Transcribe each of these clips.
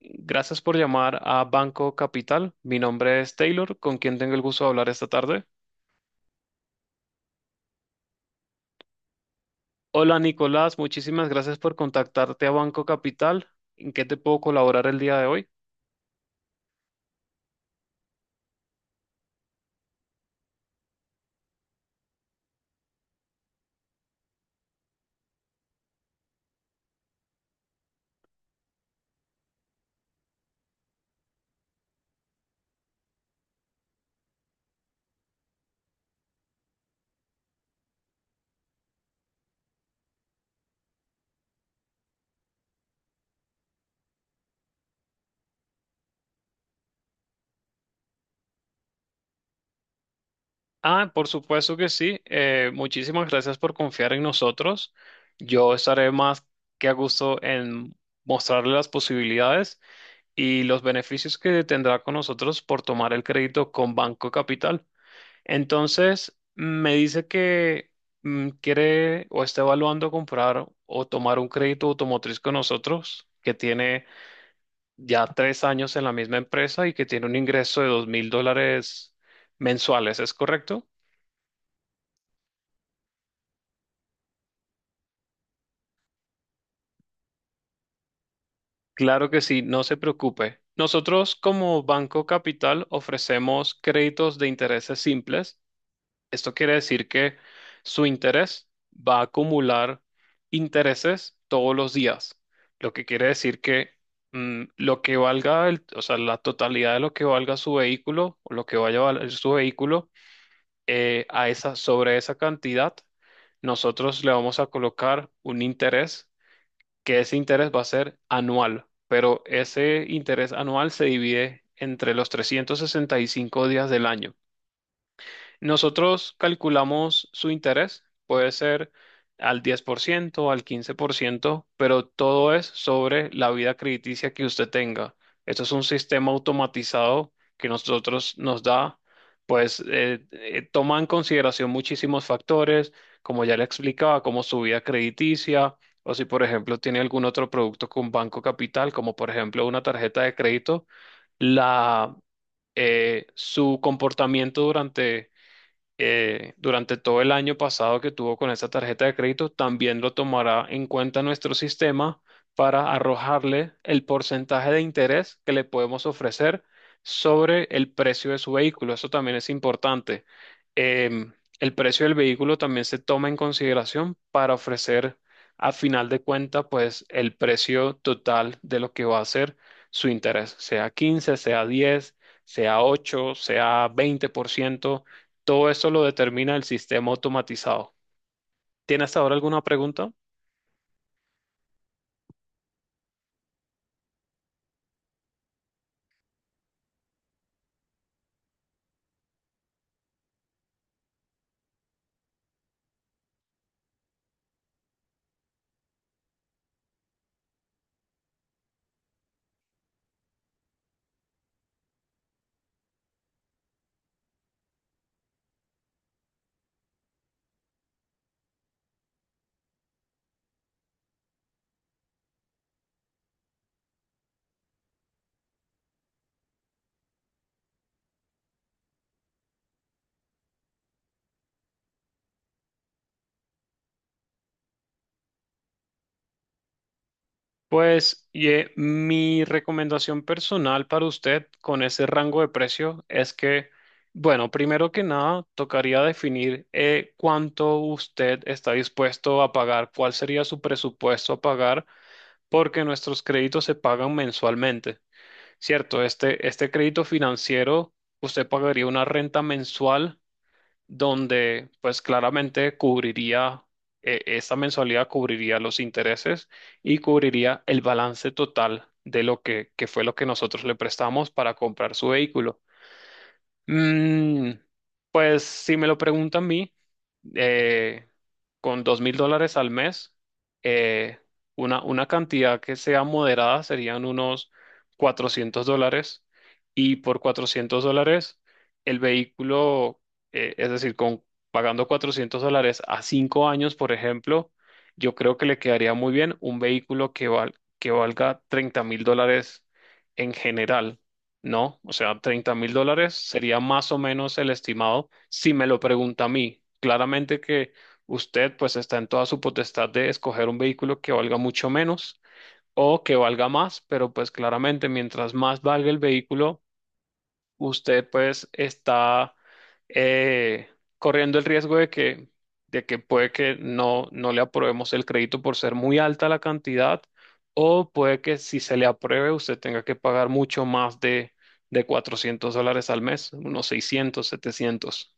Gracias por llamar a Banco Capital. Mi nombre es Taylor, con quien tengo el gusto de hablar esta tarde. Hola Nicolás, muchísimas gracias por contactarte a Banco Capital. ¿En qué te puedo colaborar el día de hoy? Ah, por supuesto que sí. Muchísimas gracias por confiar en nosotros. Yo estaré más que a gusto en mostrarle las posibilidades y los beneficios que tendrá con nosotros por tomar el crédito con Banco Capital. Entonces, me dice que quiere o está evaluando comprar o tomar un crédito automotriz con nosotros, que tiene ya tres años en la misma empresa y que tiene un ingreso de $2000 mensuales, ¿es correcto? Claro que sí, no se preocupe. Nosotros como Banco Capital ofrecemos créditos de intereses simples. Esto quiere decir que su interés va a acumular intereses todos los días, lo que quiere decir que, lo que valga, o sea, la totalidad de lo que valga su vehículo o lo que vaya a valer su vehículo, a esa, sobre esa cantidad, nosotros le vamos a colocar un interés, que ese interés va a ser anual, pero ese interés anual se divide entre los 365 días del año. Nosotros calculamos su interés, puede ser al 10%, al 15%, pero todo es sobre la vida crediticia que usted tenga. Esto es un sistema automatizado que nosotros nos da, pues toma en consideración muchísimos factores, como ya le explicaba, como su vida crediticia, o si por ejemplo tiene algún otro producto con Banco Capital, como por ejemplo una tarjeta de crédito, la, su comportamiento durante, durante todo el año pasado que tuvo con esta tarjeta de crédito, también lo tomará en cuenta nuestro sistema para arrojarle el porcentaje de interés que le podemos ofrecer sobre el precio de su vehículo. Eso también es importante. Em, el precio del vehículo también se toma en consideración para ofrecer, a final de cuenta, pues, el precio total de lo que va a ser su interés, sea 15, sea 10, sea 8, sea 20%. Todo esto lo determina el sistema automatizado. ¿Tienes ahora alguna pregunta? Pues mi recomendación personal para usted con ese rango de precio es que, bueno, primero que nada, tocaría definir cuánto usted está dispuesto a pagar, cuál sería su presupuesto a pagar, porque nuestros créditos se pagan mensualmente, ¿cierto? Este crédito financiero, usted pagaría una renta mensual donde pues claramente cubriría, esa mensualidad cubriría los intereses y cubriría el balance total de lo que fue lo que nosotros le prestamos para comprar su vehículo. Mm, pues si me lo preguntan a mí, eh, con $2000 al mes, eh, una cantidad que sea moderada serían unos $400, y por $400 el vehículo, es decir, pagando $400 a 5 años, por ejemplo, yo creo que le quedaría muy bien un vehículo que, que valga $30,000 en general. No, o sea, $30,000 sería más o menos el estimado si me lo pregunta a mí. Claramente que usted pues está en toda su potestad de escoger un vehículo que valga mucho menos o que valga más, pero pues claramente mientras más valga el vehículo, usted pues está, eh, corriendo el riesgo de que puede que no, no le aprobemos el crédito por ser muy alta la cantidad, o puede que si se le apruebe usted tenga que pagar mucho más de $400 al mes, unos 600 700.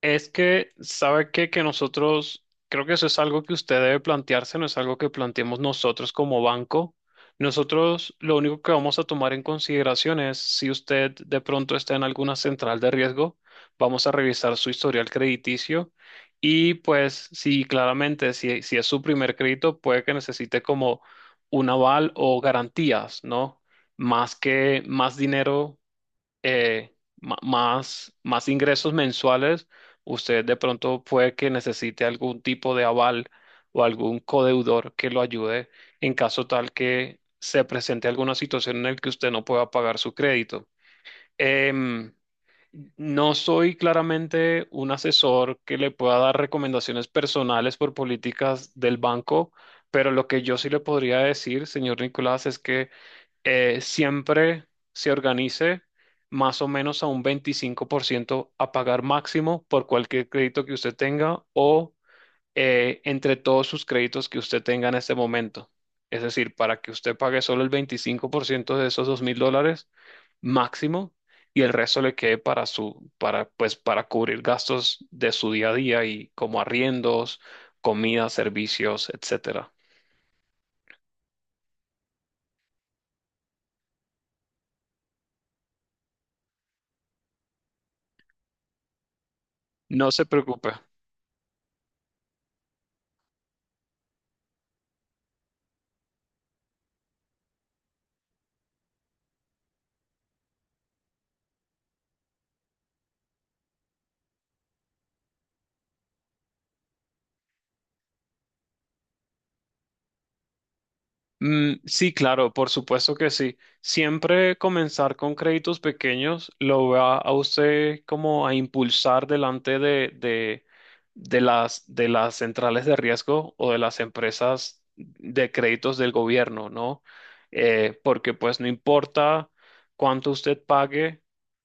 Es que, ¿sabe qué? Que nosotros, creo que eso es algo que usted debe plantearse, no es algo que planteemos nosotros como banco. Nosotros lo único que vamos a tomar en consideración es si usted de pronto está en alguna central de riesgo, vamos a revisar su historial crediticio, y pues si claramente, si, si es su primer crédito, puede que necesite como un aval o garantías, ¿no? Más que más dinero, eh, más, más ingresos mensuales, usted de pronto puede que necesite algún tipo de aval o algún codeudor que lo ayude en caso tal que se presente alguna situación en la que usted no pueda pagar su crédito. Em, no soy claramente un asesor que le pueda dar recomendaciones personales por políticas del banco, pero lo que yo sí le podría decir, señor Nicolás, es que, siempre se organice más o menos a un 25% a pagar máximo por cualquier crédito que usted tenga, o entre todos sus créditos que usted tenga en este momento. Es decir, para que usted pague solo el 25% de esos $2000 máximo, y el resto le quede para su, para, pues, para cubrir gastos de su día a día, y como arriendos, comida, servicios, etcétera. No se preocupe. Sí, claro, por supuesto que sí. Siempre comenzar con créditos pequeños lo va a usted como a impulsar delante de las centrales de riesgo o de las empresas de créditos del gobierno, ¿no? Porque pues no importa cuánto usted pague,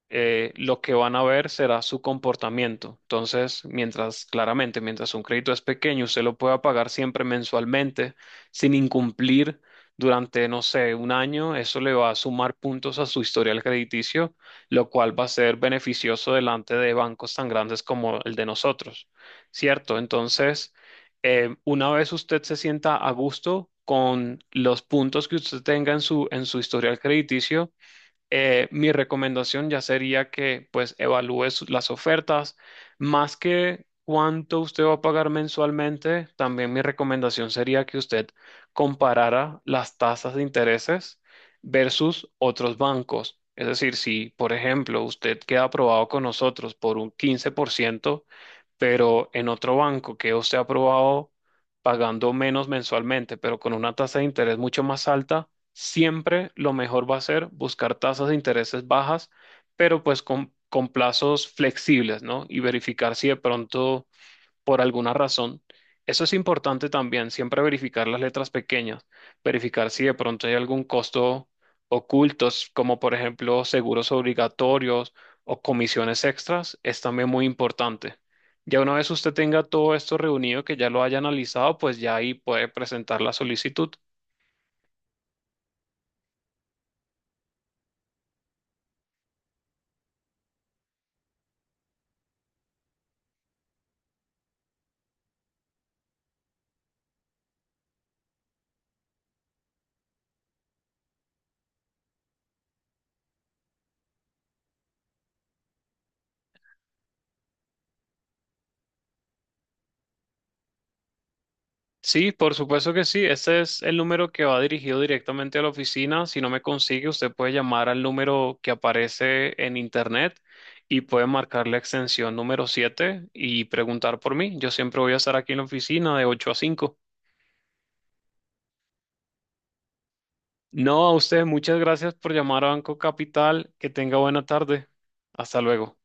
lo que van a ver será su comportamiento. Entonces, mientras, claramente, mientras un crédito es pequeño, usted lo pueda pagar siempre mensualmente sin incumplir durante, no sé, un año, eso le va a sumar puntos a su historial crediticio, lo cual va a ser beneficioso delante de bancos tan grandes como el de nosotros, ¿cierto? Entonces, una vez usted se sienta a gusto con los puntos que usted tenga en su historial crediticio, mi recomendación ya sería que pues evalúe las ofertas. Más que cuánto usted va a pagar mensualmente, también mi recomendación sería que usted comparara las tasas de intereses versus otros bancos. Es decir, si por ejemplo usted queda aprobado con nosotros por un 15%, pero en otro banco que usted ha aprobado pagando menos mensualmente, pero con una tasa de interés mucho más alta, siempre lo mejor va a ser buscar tasas de intereses bajas, pero pues con plazos flexibles, ¿no? Y verificar si de pronto, por alguna razón, eso es importante también, siempre verificar las letras pequeñas, verificar si de pronto hay algún costo ocultos, como por ejemplo seguros obligatorios o comisiones extras, es también muy importante. Ya una vez usted tenga todo esto reunido, que ya lo haya analizado, pues ya ahí puede presentar la solicitud. Sí, por supuesto que sí. Ese es el número que va dirigido directamente a la oficina. Si no me consigue, usted puede llamar al número que aparece en internet y puede marcar la extensión número 7 y preguntar por mí. Yo siempre voy a estar aquí en la oficina de 8 a 5. No, a usted, muchas gracias por llamar a Banco Capital. Que tenga buena tarde. Hasta luego.